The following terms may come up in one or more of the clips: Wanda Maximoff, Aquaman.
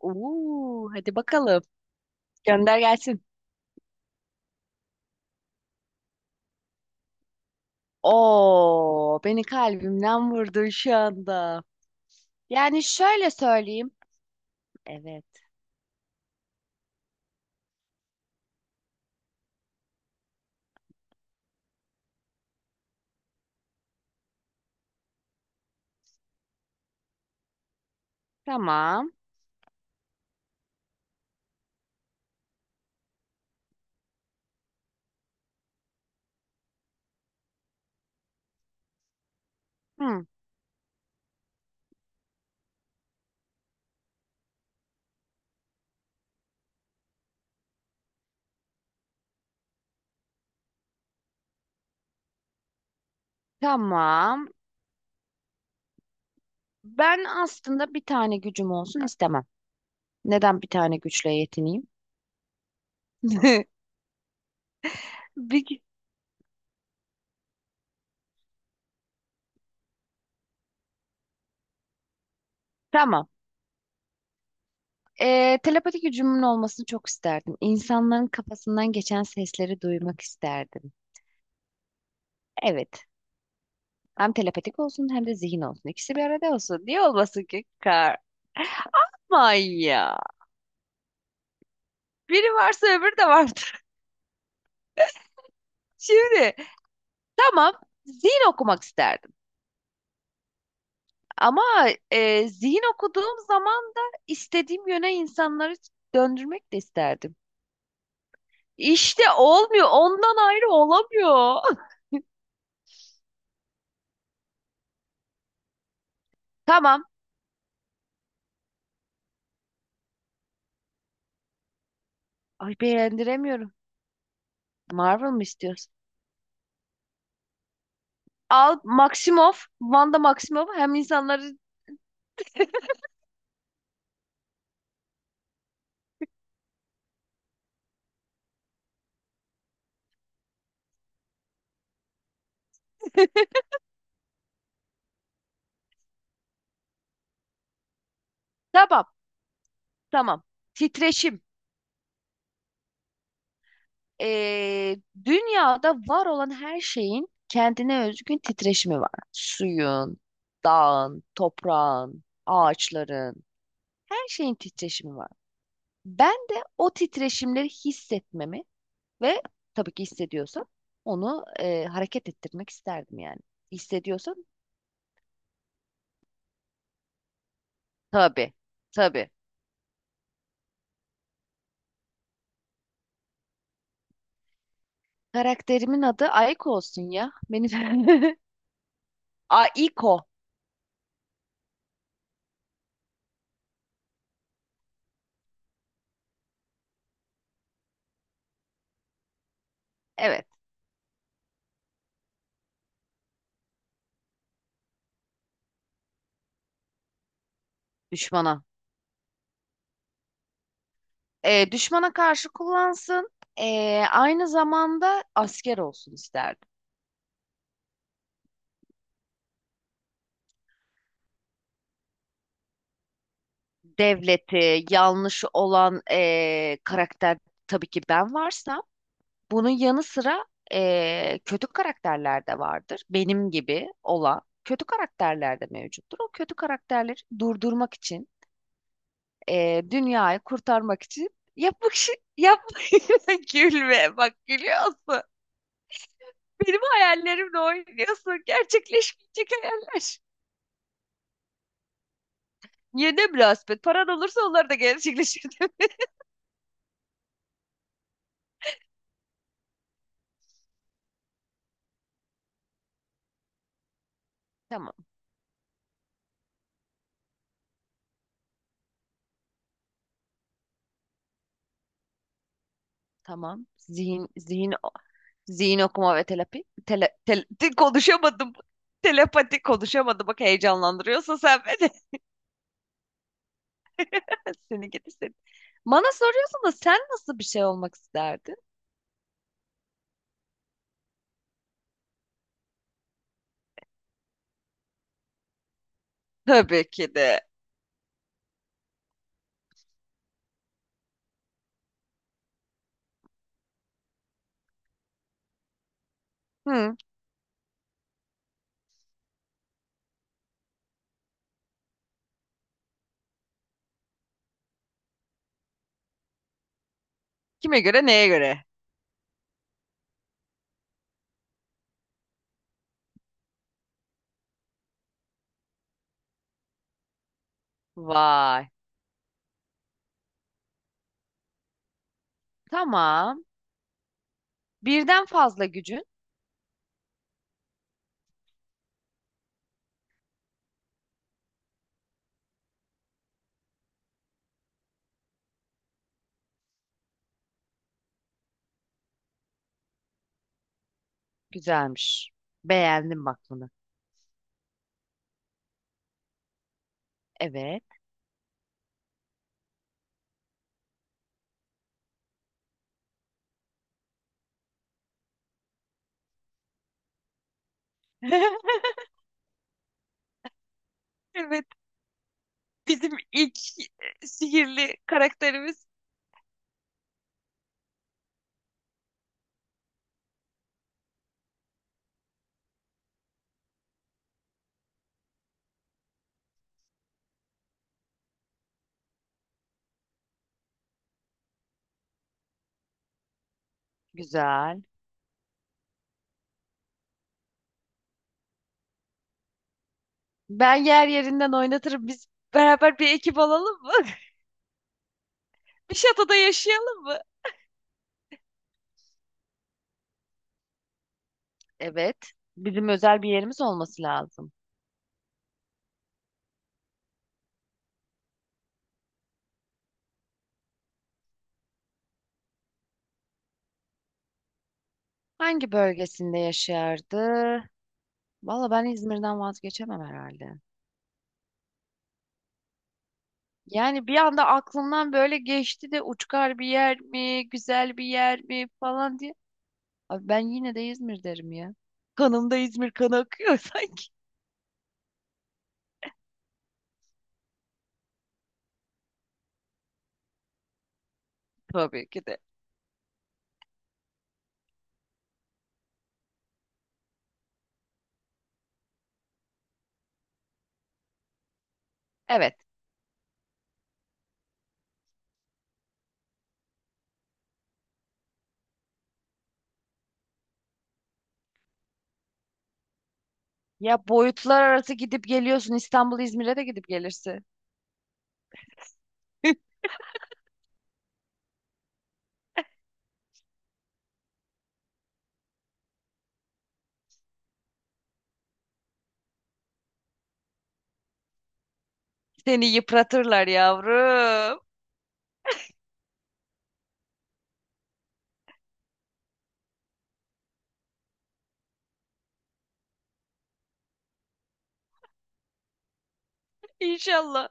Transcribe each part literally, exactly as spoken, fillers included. Oo, hadi bakalım. Gönder gelsin. Oo, beni kalbimden vurdun şu anda. Yani şöyle söyleyeyim. Evet. Tamam. Hı, tamam. Ben aslında bir tane gücüm olsun istemem. Neden bir tane güçle yetineyim? Bir, gü- tamam. Ee, telepati gücümün olmasını çok isterdim. İnsanların kafasından geçen sesleri duymak isterdim. Evet. Hem telepatik olsun hem de zihin olsun. İkisi bir arada olsun. Niye olmasın ki kar? Aman ya. Biri varsa öbürü de vardır. Şimdi tamam, zihin okumak isterdim. Ama e, zihin okuduğum zaman da istediğim yöne insanları döndürmek de isterdim. İşte olmuyor. Ondan ayrı olamıyor. Tamam. Ay beğendiremiyorum. Marvel mı istiyorsun? Al Maximoff, Wanda Maximoff hem insanları Tamam, tamam. Titreşim. Ee, Dünyada var olan her şeyin kendine özgün titreşimi var. Suyun, dağın, toprağın, ağaçların, her şeyin titreşimi var. Ben de o titreşimleri hissetmemi ve tabii ki hissediyorsam onu e, hareket ettirmek isterdim yani. Hissediyorsam tabii, tabii. Karakterimin adı Aiko olsun ya. Benim Aiko. Evet, düşmana. E, düşmana karşı kullansın. E, aynı zamanda asker olsun isterdim. Devleti, yanlışı olan e, karakter, tabii ki ben varsam. Bunun yanı sıra e, kötü karakterler de vardır. Benim gibi olan kötü karakterler de mevcuttur. O kötü karakterleri durdurmak için, e, dünyayı kurtarmak için yapmak şey yapmak. Gülme bak, gülüyorsun. Benim hayallerimle oynuyorsun. Gerçekleşmeyecek hayaller. Ya ne münasebet. Paran olursa onları da gerçekleşir. Tamam, tamam. Zihin, zihin, zihin okuma ve terapi. Tele, tel- Di- konuşamadım. Telepati konuşamadım. Bak heyecanlandırıyorsun sen beni. Seni gidi seni. Bana soruyorsun da sen nasıl bir şey olmak isterdin? Tabii ki de. Hı. Kime göre, neye göre? Vay. Tamam. Birden fazla gücün. Güzelmiş. Beğendim bak bunu. Evet. Evet. Bizim ilk sihirli karakterimiz. Güzel. Ben yer yerinden oynatırım. Biz beraber bir ekip olalım mı? Bir şatoda yaşayalım mı? Evet. Bizim özel bir yerimiz olması lazım. Hangi bölgesinde yaşardı? Valla ben İzmir'den vazgeçemem herhalde. Yani bir anda aklımdan böyle geçti de uçkar bir yer mi, güzel bir yer mi falan diye. Abi ben yine de İzmir derim ya. Kanımda İzmir kanı akıyor sanki. Tabii ki de. Evet. Ya boyutlar arası gidip geliyorsun. İstanbul İzmir'e de gidip gelirsin. Seni yıpratırlar yavrum. İnşallah.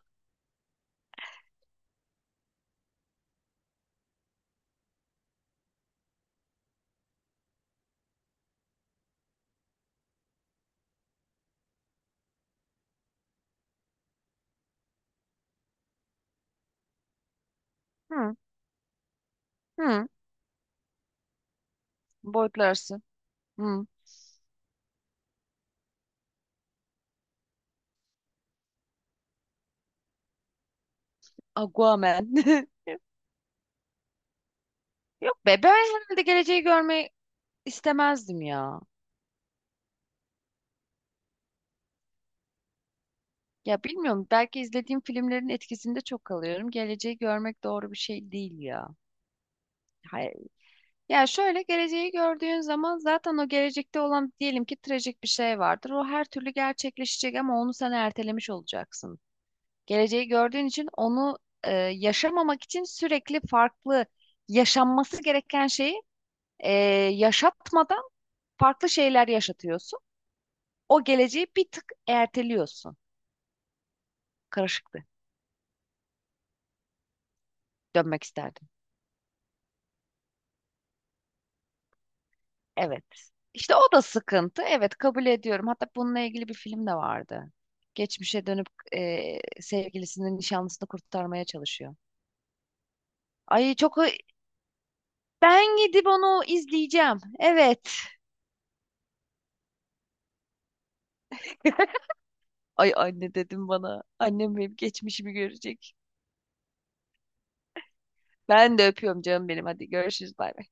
Hı, hı. Boyutlarsın. Hı. Aquaman. Yok be, ben herhalde geleceği görmeyi istemezdim ya. Ya bilmiyorum, belki izlediğim filmlerin etkisinde çok kalıyorum. Geleceği görmek doğru bir şey değil ya. Hayır. Ya şöyle, geleceği gördüğün zaman zaten o gelecekte olan diyelim ki trajik bir şey vardır. O her türlü gerçekleşecek ama onu sen ertelemiş olacaksın. Geleceği gördüğün için onu e, yaşamamak için sürekli farklı yaşanması gereken şeyi e, yaşatmadan farklı şeyler yaşatıyorsun. O geleceği bir tık erteliyorsun. Karışıktı. Dönmek isterdim. Evet. İşte o da sıkıntı. Evet, kabul ediyorum. Hatta bununla ilgili bir film de vardı. Geçmişe dönüp e, sevgilisinin nişanlısını kurtarmaya çalışıyor. Ay çok, ben gidip onu izleyeceğim. Evet. Ay anne dedim bana. Annem benim geçmişimi görecek. Ben de öpüyorum canım benim. Hadi görüşürüz, bay bay.